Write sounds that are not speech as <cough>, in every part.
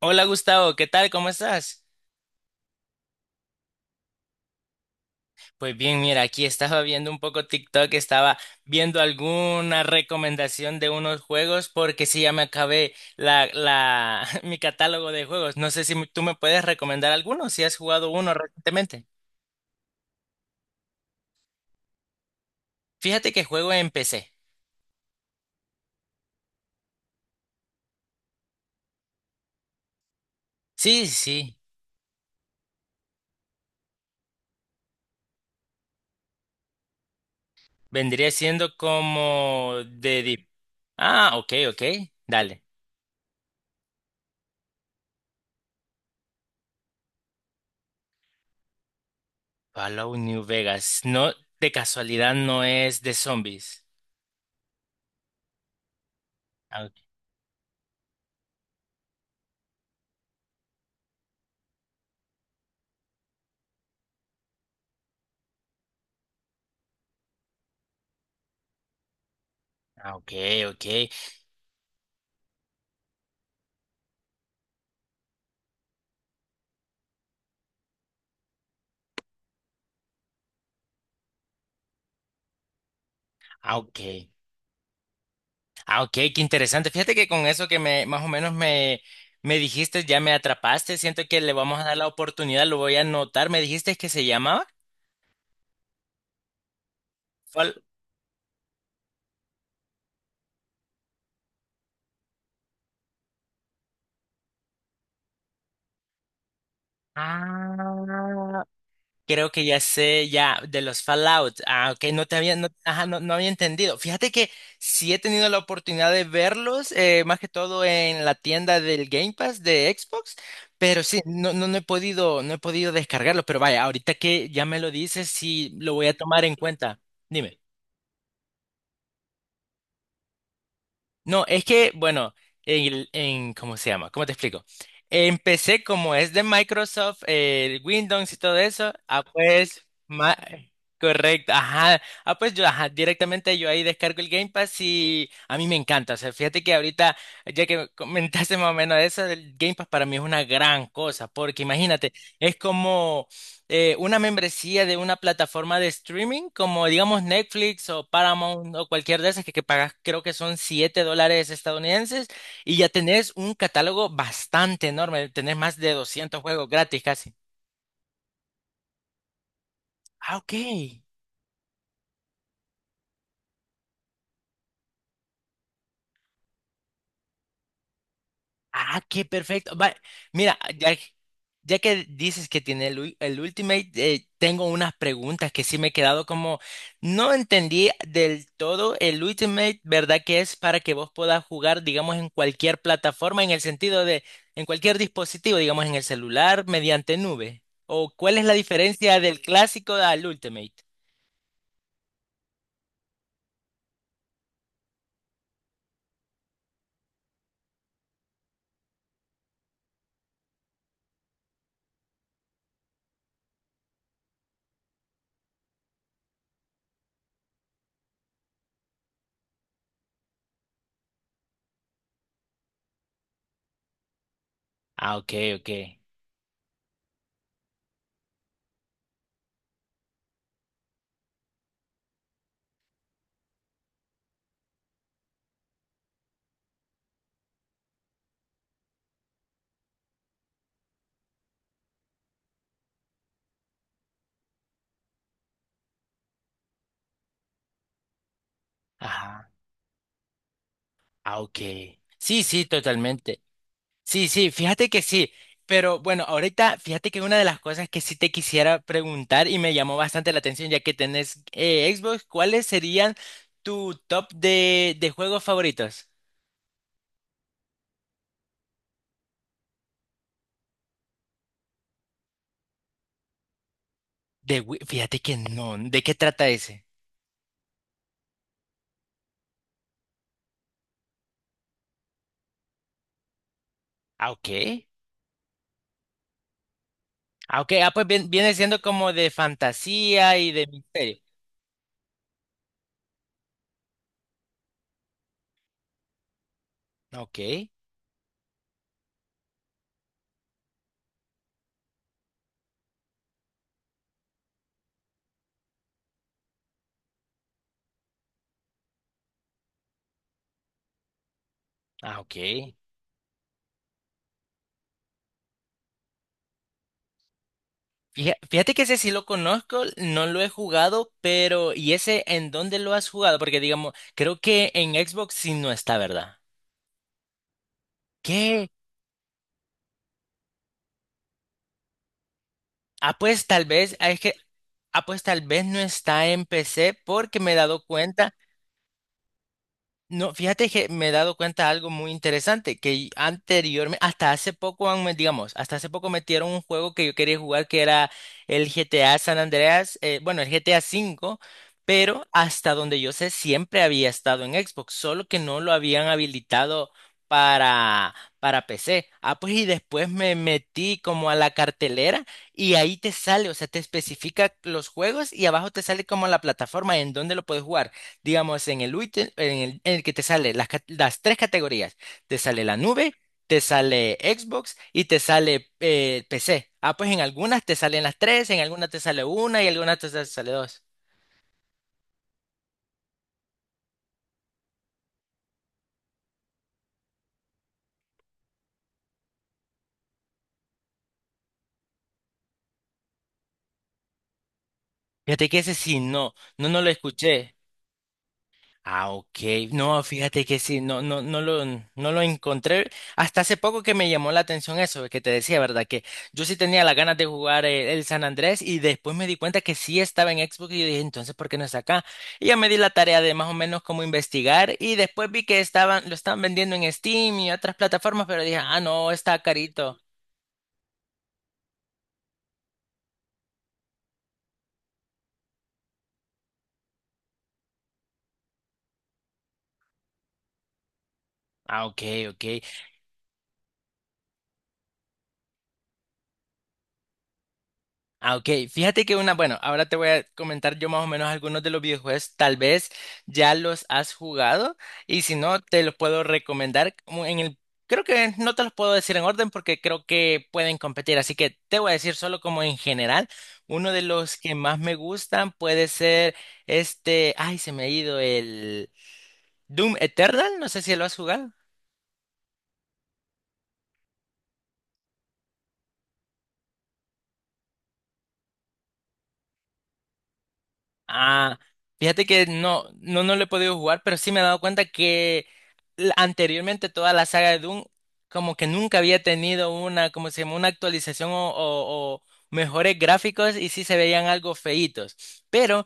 Hola Gustavo, ¿qué tal? ¿Cómo estás? Pues bien, mira, aquí estaba viendo un poco TikTok, estaba viendo alguna recomendación de unos juegos porque sí, ya me acabé <laughs> mi catálogo de juegos. No sé si tú me puedes recomendar alguno, si has jugado uno recientemente. Fíjate que juego en PC. Sí, sí, vendría siendo como de... Ah, ok, ok, dale. Fallout New Vegas. No, de casualidad no es de zombies. Ah, ok, ah, ok. Ok. Ah, ok. Ah, ok, qué interesante. Fíjate que con eso que me, más o menos me, me dijiste, ya me atrapaste. Siento que le vamos a dar la oportunidad, lo voy a anotar. ¿Me dijiste que se llamaba? Fall- Creo que ya sé, ya, de los Fallout. Ah, ok, no, ajá, no había entendido. Fíjate que sí he tenido la oportunidad de verlos, más que todo en la tienda del Game Pass de Xbox. Pero sí, no, no he podido descargarlos. Pero vaya, ahorita que ya me lo dices, sí lo voy a tomar en cuenta. Dime. No, es que, bueno, ¿cómo se llama? ¿Cómo te explico? Empecé como es de Microsoft, Windows y todo eso. Ah, pues, correcto, ajá. Ah, pues yo, ajá, directamente yo ahí descargo el Game Pass y a mí me encanta. O sea, fíjate que ahorita, ya que comentaste más o menos eso, el Game Pass para mí es una gran cosa, porque imagínate, es como una membresía de una plataforma de streaming como digamos Netflix o Paramount o cualquier de esas que pagas creo que son $7 estadounidenses y ya tenés un catálogo bastante enorme, tenés más de 200 juegos gratis casi. Ah, ok. Ah, qué perfecto. Mira, ya, ya que dices que tiene el Ultimate, tengo unas preguntas que sí me he quedado como, no entendí del todo el Ultimate, ¿verdad? Que es para que vos puedas jugar, digamos, en cualquier plataforma, en el sentido de, en cualquier dispositivo, digamos, en el celular, mediante nube. ¿O cuál es la diferencia del clásico al Ultimate? Ah, ok, ok. Ajá. Ah, ok. Sí, sí, totalmente. Sí, sí, fíjate que sí, pero bueno, ahorita fíjate que una de las cosas que sí te quisiera preguntar y me llamó bastante la atención ya que tenés Xbox, ¿cuáles serían tu top de juegos favoritos? Fíjate que no, ¿de qué trata ese? Ah, ok. Ah, ok, ah, pues viene siendo como de fantasía y de misterio. Ok, ah, ok. Fíjate que ese sí lo conozco, no lo he jugado, pero ¿y ese en dónde lo has jugado? Porque digamos, creo que en Xbox sí no está, ¿verdad? ¿Qué? Ah, pues tal vez, ah, es que, ah, pues tal vez no está en PC porque me he dado cuenta. No, fíjate que me he dado cuenta de algo muy interesante, que anteriormente, hasta hace poco, digamos, hasta hace poco metieron un juego que yo quería jugar que era el GTA San Andreas, bueno, el GTA V, pero hasta donde yo sé siempre había estado en Xbox, solo que no lo habían habilitado para PC. Ah, pues y después me metí como a la cartelera y ahí te sale, o sea, te especifica los juegos y abajo te sale como la plataforma en donde lo puedes jugar digamos, en el ítem, en el que te sale las tres categorías, te sale la nube, te sale Xbox y te sale PC. Ah, pues en algunas te salen las tres, en algunas te sale una y en algunas te sale dos. Fíjate que ese sí no, no lo escuché. Ah, ok. No, fíjate que sí, no, no lo encontré. Hasta hace poco que me llamó la atención eso que te decía, ¿verdad? Que yo sí tenía las ganas de jugar el, San Andrés y después me di cuenta que sí estaba en Xbox y yo dije, entonces, ¿por qué no está acá? Y ya me di la tarea de más o menos cómo investigar y después vi que estaban, lo estaban vendiendo en Steam y otras plataformas, pero dije, ah, no, está carito. Ah, ok, ok. Ah, ok. Fíjate que una, bueno, ahora te voy a comentar yo más o menos algunos de los videojuegos, tal vez ya los has jugado y si no, te los puedo recomendar como en el, creo que no te los puedo decir en orden porque creo que pueden competir, así que te voy a decir solo como en general, uno de los que más me gustan puede ser este, ay, se me ha ido el Doom Eternal, no sé si lo has jugado. Ah, fíjate que no, no lo he podido jugar, pero sí me he dado cuenta que anteriormente toda la saga de Doom como que nunca había tenido una, como se llama, una actualización o mejores gráficos y sí se veían algo feitos. Pero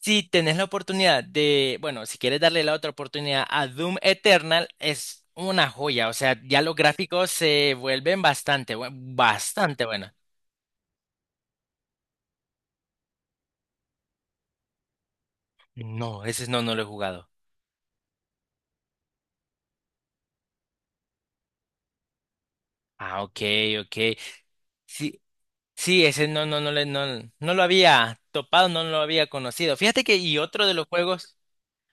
si tenés la oportunidad de, bueno, si quieres darle la otra oportunidad a Doom Eternal, es una joya. O sea, ya los gráficos se vuelven bastante, bastante buenos. No, ese no, no lo he jugado. Ah, ok, ok. Sí, sí, ese no, no, no lo había topado, no lo había conocido. Fíjate que, y otro de los juegos,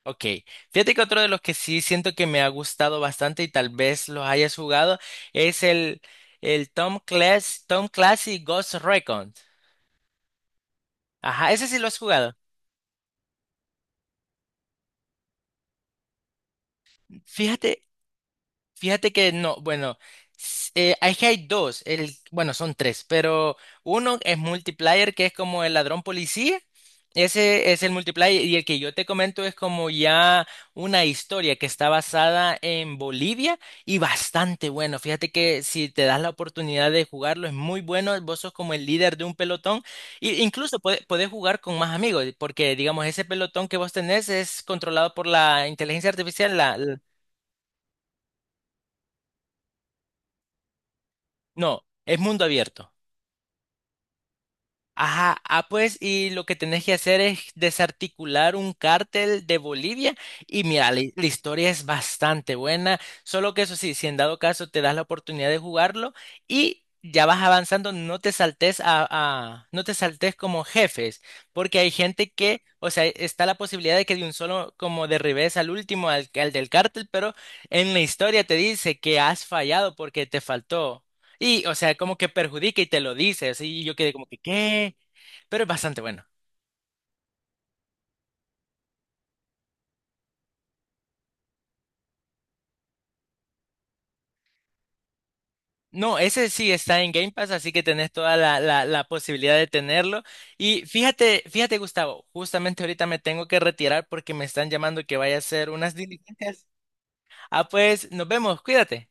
ok, fíjate que otro de los que sí siento que me ha gustado bastante y tal vez los hayas jugado es el Tom Clancy, Tom Clancy Ghost Recon. Ajá, ese sí lo has jugado. Fíjate, Fíjate que no, bueno, es que hay dos, el, bueno, son tres, pero uno es multiplayer, que es como el ladrón policía, ese es el multiplayer, y el que yo te comento es como ya una historia que está basada en Bolivia y bastante bueno. Fíjate que si te das la oportunidad de jugarlo, es muy bueno, vos sos como el líder de un pelotón, e incluso podés jugar con más amigos, porque digamos, ese pelotón que vos tenés es controlado por la inteligencia artificial, no, es mundo abierto. Ajá, ah, pues, y lo que tenés que hacer es desarticular un cártel de Bolivia. Y mira, la historia es bastante buena. Solo que eso sí, si en dado caso te das la oportunidad de jugarlo y ya vas avanzando, no te saltes no te saltes como jefes, porque hay gente que, o sea, está la posibilidad de que de un solo como derribes al último, al del cártel, pero en la historia te dice que has fallado porque te faltó. Y, o sea, como que perjudica y te lo dice, así y yo quedé como que, ¿qué? Pero es bastante bueno. No, ese sí está en Game Pass, así que tenés toda la posibilidad de tenerlo. Y fíjate, Gustavo, justamente ahorita me tengo que retirar porque me están llamando que vaya a hacer unas diligencias. Ah, pues nos vemos, cuídate.